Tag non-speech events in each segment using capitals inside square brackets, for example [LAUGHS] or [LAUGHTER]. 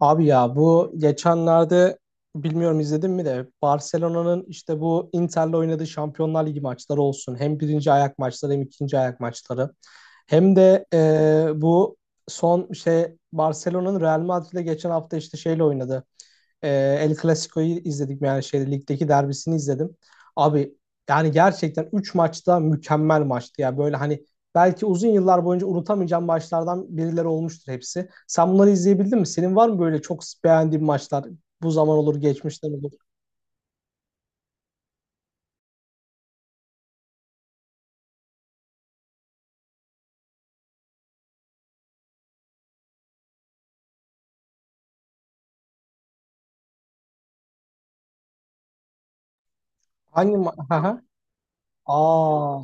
Abi ya bu geçenlerde bilmiyorum izledin mi de Barcelona'nın işte bu Inter'le oynadığı Şampiyonlar Ligi maçları olsun. Hem birinci ayak maçları hem ikinci ayak maçları. Hem de bu son şey Barcelona'nın Real Madrid'le geçen hafta işte şeyle oynadı. E, El Clasico'yu izledik yani şeyde ligdeki derbisini izledim. Abi yani gerçekten 3 maçta mükemmel maçtı ya. Böyle hani belki uzun yıllar boyunca unutamayacağım maçlardan birileri olmuştur hepsi. Sen bunları izleyebildin mi? Senin var mı böyle çok beğendiğin maçlar? Bu zaman olur, geçmişten olur. Hangi ma Aha. Aa,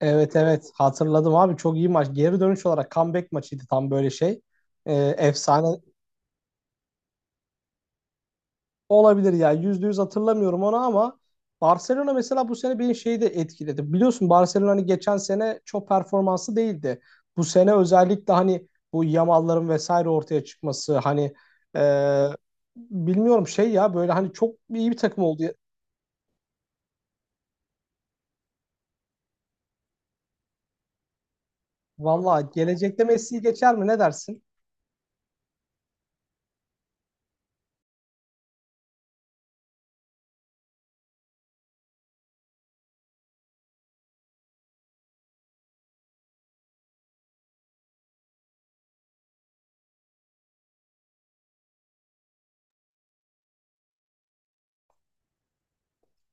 evet, evet, hatırladım abi, çok iyi maç. Geri dönüş olarak comeback maçıydı tam böyle şey. Efsane. Olabilir ya. Yüzde yüz hatırlamıyorum onu ama Barcelona mesela bu sene beni şeyi de etkiledi. Biliyorsun Barcelona hani geçen sene çok performanslı değildi. Bu sene özellikle hani bu Yamal'ların vesaire ortaya çıkması hani e, bilmiyorum şey ya böyle hani çok iyi bir takım oldu. Valla gelecekte Messi'yi geçer mi, ne dersin?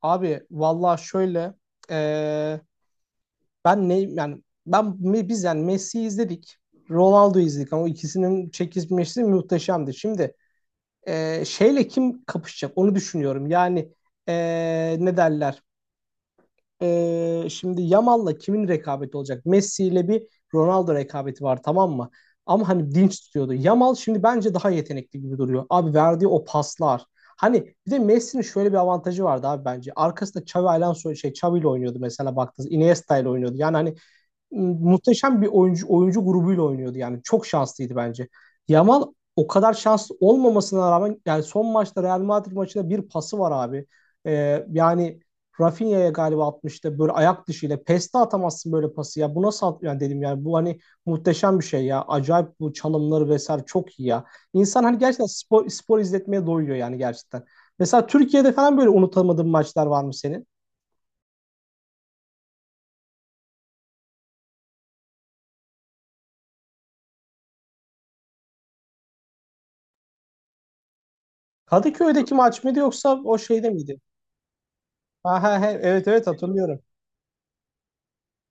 Abi valla şöyle e, ben ne yani ben biz yani Messi'yi izledik. Ronaldo'yu izledik ama ikisinin çekişmesi muhteşemdi. Şimdi şeyle kim kapışacak onu düşünüyorum. Yani e, ne derler? Şimdi Yamal'la kimin rekabeti olacak? Messi ile bir Ronaldo rekabeti var, tamam mı? Ama hani dinç tutuyordu. Yamal şimdi bence daha yetenekli gibi duruyor. Abi verdiği o paslar. Hani bir de Messi'nin şöyle bir avantajı vardı abi bence. Arkasında Xavi Alonso şey Xavi ile oynuyordu mesela baktınız. Iniesta ile oynuyordu. Yani hani muhteşem bir oyuncu grubuyla oynuyordu yani. Çok şanslıydı bence. Yamal o kadar şanslı olmamasına rağmen yani son maçta Real Madrid maçında bir pası var abi. Yani Rafinha'ya galiba atmıştı böyle ayak dışıyla. Peste atamazsın böyle pası ya. Bu nasıl at yani, dedim yani, bu hani muhteşem bir şey ya. Acayip bu çalımları vesaire çok iyi ya. İnsan hani gerçekten spor, spor izletmeye doyuyor yani gerçekten. Mesela Türkiye'de falan böyle unutamadığın maçlar var mı senin? Kadıköy'deki maç mıydı yoksa o şeyde miydi? Ha, ha, he, evet, evet, hatırlıyorum.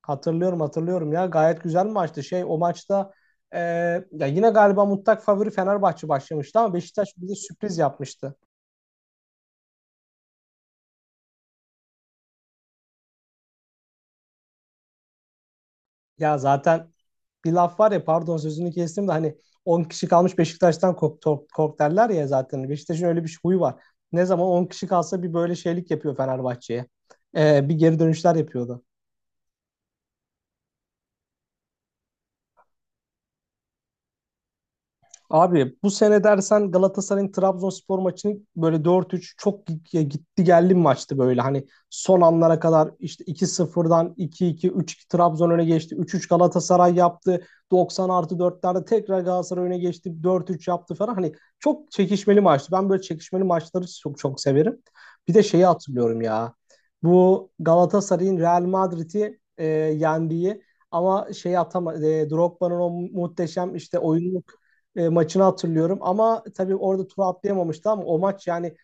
Hatırlıyorum, hatırlıyorum ya, gayet güzel maçtı. Şey o maçta e, ya yine galiba mutlak favori Fenerbahçe başlamıştı ama Beşiktaş bize sürpriz yapmıştı. Ya zaten bir laf var ya, pardon sözünü kestim de, hani on kişi kalmış Beşiktaş'tan kork, kork, kork derler ya zaten. Beşiktaş'ın öyle bir huyu var. Ne zaman 10 kişi kalsa bir böyle şeylik yapıyor Fenerbahçe'ye. Bir geri dönüşler yapıyordu. Abi bu sene dersen Galatasaray'ın Trabzonspor maçını böyle dört üç, çok gitti geldi bir maçtı böyle. Hani son anlara kadar işte 2-0'dan iki iki üç 2 Trabzon öne geçti. 3-3 Galatasaray yaptı. Doksan artı dörtlerde tekrar Galatasaray öne geçti. 4-3 yaptı falan. Hani çok çekişmeli maçtı. Ben böyle çekişmeli maçları çok çok severim. Bir de şeyi hatırlıyorum ya. Bu Galatasaray'ın Real Madrid'i yendiği ama şey atama Drogba'nın o muhteşem işte oyunluk maçını hatırlıyorum. Ama tabii orada turu atlayamamıştı ama o maç yani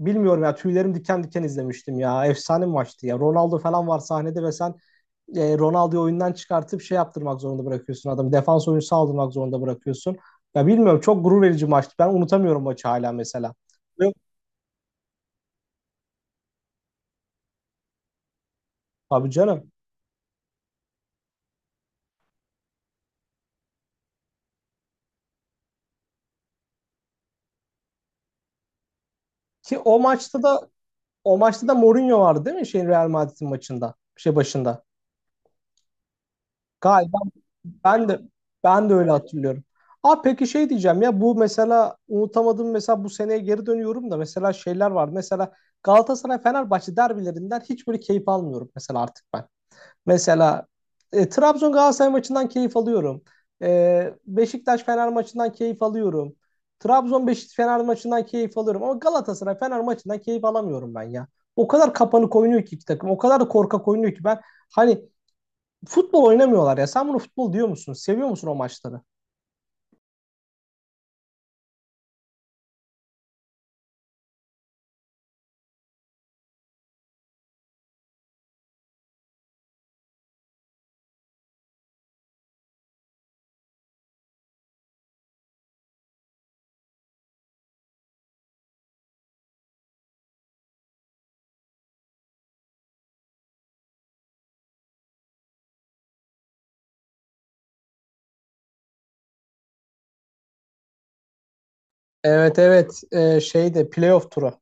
bilmiyorum ya, tüylerim diken diken izlemiştim ya. Efsane bir maçtı ya. Ronaldo falan var sahnede ve sen Ronaldo'yu oyundan çıkartıp şey yaptırmak zorunda bırakıyorsun adamı. Defans oyuncusu aldırmak zorunda bırakıyorsun. Ya bilmiyorum, çok gurur verici maçtı. Ben unutamıyorum maçı hala mesela. Ve- Tabii canım. Ki o maçta da Mourinho vardı değil mi? Şeyin Real Madrid'in maçında. Şey başında. Galiba Ben de ben de öyle hatırlıyorum. Aa peki şey diyeceğim ya, bu mesela unutamadım, mesela bu seneye geri dönüyorum da mesela şeyler var. Mesela Galatasaray Fenerbahçe derbilerinden hiç böyle keyif almıyorum mesela artık ben. Mesela Trabzon Galatasaray maçından keyif alıyorum. Beşiktaş Fener maçından keyif alıyorum. Trabzon Beşiktaş Fener maçından keyif alıyorum ama Galatasaray Fener maçından keyif alamıyorum ben ya. O kadar kapanık oynuyor ki iki takım. O kadar da korkak oynuyor ki ben hani futbol oynamıyorlar ya. Sen bunu futbol diyor musun? Seviyor musun o maçları? Evet, evet. Şeyde playoff turu.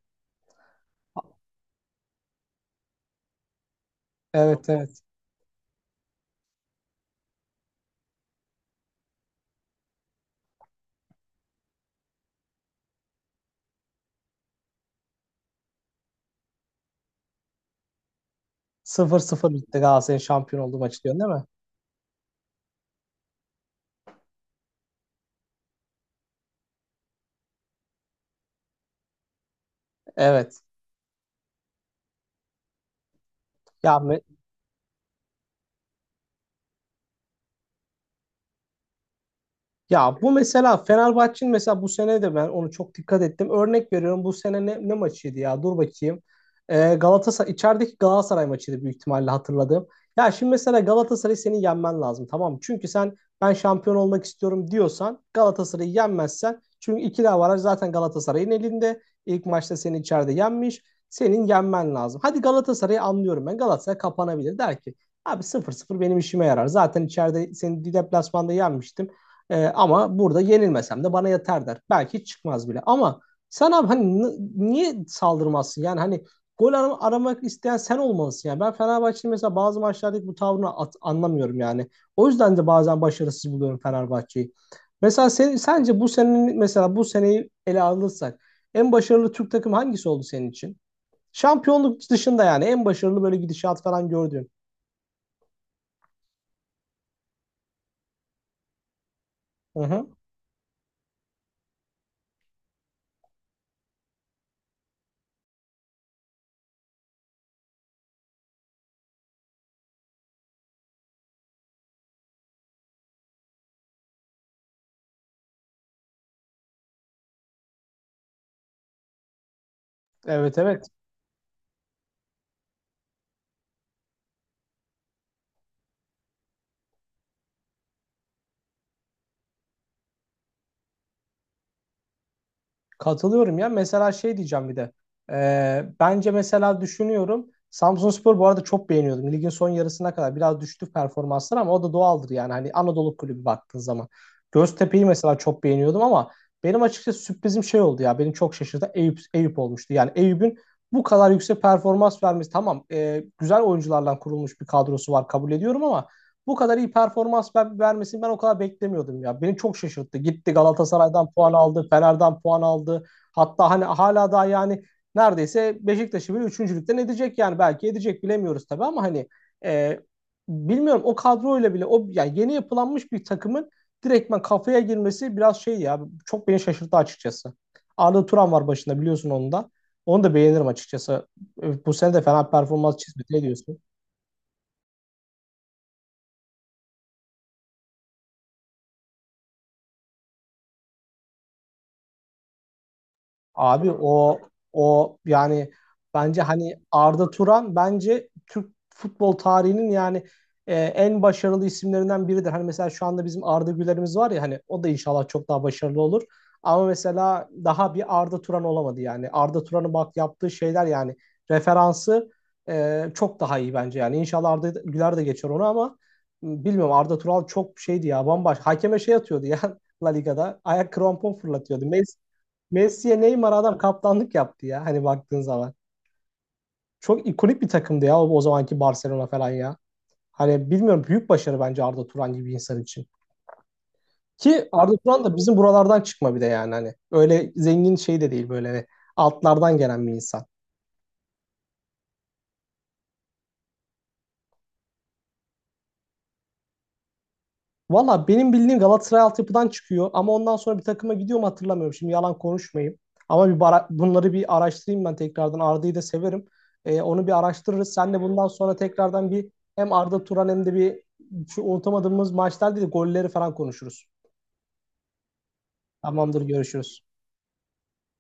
Evet, evet. 0-0 bitti, Galatasaray'ın şampiyon olduğu maçı diyorsun değil mi? Evet. Ya Ya bu mesela Fenerbahçe'nin mesela bu sene de ben onu çok dikkat ettim. Örnek veriyorum, bu sene ne maçıydı ya? Dur bakayım. Galatasaray içerideki Galatasaray maçıydı büyük ihtimalle, hatırladım. Ya şimdi mesela Galatasaray'ı senin yenmen lazım tamam mı? Çünkü sen "ben şampiyon olmak istiyorum" diyorsan Galatasaray'ı yenmezsen, çünkü ikili avaraj zaten Galatasaray'ın elinde. İlk maçta seni içeride yenmiş. Senin yenmen lazım. Hadi Galatasaray'ı anlıyorum ben. Galatasaray kapanabilir. Der ki "abi 0-0 benim işime yarar. Zaten içeride seni deplasmanda yenmiştim. Ama burada yenilmesem de bana yeter" der. Belki çıkmaz bile. Ama sen abi hani niye saldırmazsın? Yani hani gol aramak isteyen sen olmalısın. Yani ben Fenerbahçe'nin mesela bazı maçlardaki bu tavrını anlamıyorum yani. O yüzden de bazen başarısız buluyorum Fenerbahçe'yi. Mesela sence bu senin mesela bu seneyi ele alırsak en başarılı Türk takımı hangisi oldu senin için? Şampiyonluk dışında yani en başarılı böyle gidişat falan gördüğün. Hı hı. Evet, evet. Katılıyorum ya. Mesela şey diyeceğim bir de. Bence mesela düşünüyorum. Samsunspor bu arada çok beğeniyordum. Ligin son yarısına kadar biraz düştü performanslar ama o da doğaldır yani. Hani Anadolu kulübü baktığın zaman. Göztepe'yi mesela çok beğeniyordum ama benim açıkçası sürprizim şey oldu ya. Beni çok şaşırdı. Eyüp olmuştu. Yani Eyüp'ün bu kadar yüksek performans vermesi, tamam güzel oyuncularla kurulmuş bir kadrosu var kabul ediyorum ama bu kadar iyi performans vermesini ben o kadar beklemiyordum ya. Beni çok şaşırttı. Gitti Galatasaray'dan puan aldı, Fener'den puan aldı. Hatta hani hala daha yani neredeyse Beşiktaş'ı bile üçüncülükten edecek yani. Belki edecek bilemiyoruz tabii ama hani e, bilmiyorum, o kadroyla bile o yani yeni yapılanmış bir takımın direktmen kafaya girmesi biraz şey ya, çok beni şaşırttı açıkçası. Arda Turan var başında biliyorsun onu da. Onu da beğenirim açıkçası. Bu sene de fena performans çizmedi. Ne diyorsun? Abi o yani bence hani Arda Turan bence Türk futbol tarihinin yani en başarılı isimlerinden biridir. Hani mesela şu anda bizim Arda Güler'imiz var ya, hani o da inşallah çok daha başarılı olur. Ama mesela daha bir Arda Turan olamadı yani. Arda Turan'ın bak yaptığı şeyler, yani referansı çok daha iyi bence yani. İnşallah Arda Güler de geçer onu ama bilmiyorum, Arda Turan çok şeydi ya, bambaşka. Hakeme şey atıyordu ya [LAUGHS] La Liga'da. Ayak krampon fırlatıyordu. Messi'ye Neymar adam kaptanlık yaptı ya hani baktığın zaman. Çok ikonik bir takımdı ya o zamanki Barcelona falan ya. Hani bilmiyorum, büyük başarı bence Arda Turan gibi bir insan için. Ki Arda Turan da bizim buralardan çıkma bir de yani hani. Öyle zengin şey de değil böyle hani altlardan gelen bir insan. Valla benim bildiğim Galatasaray altyapıdan çıkıyor ama ondan sonra bir takıma gidiyor mu hatırlamıyorum. Şimdi yalan konuşmayayım. Ama bunları bir araştırayım ben tekrardan. Arda'yı da severim. Onu bir araştırırız. Sen de bundan sonra tekrardan bir, hem Arda Turan hem de bir şu unutamadığımız maçlar değil de golleri falan konuşuruz. Tamamdır, görüşürüz.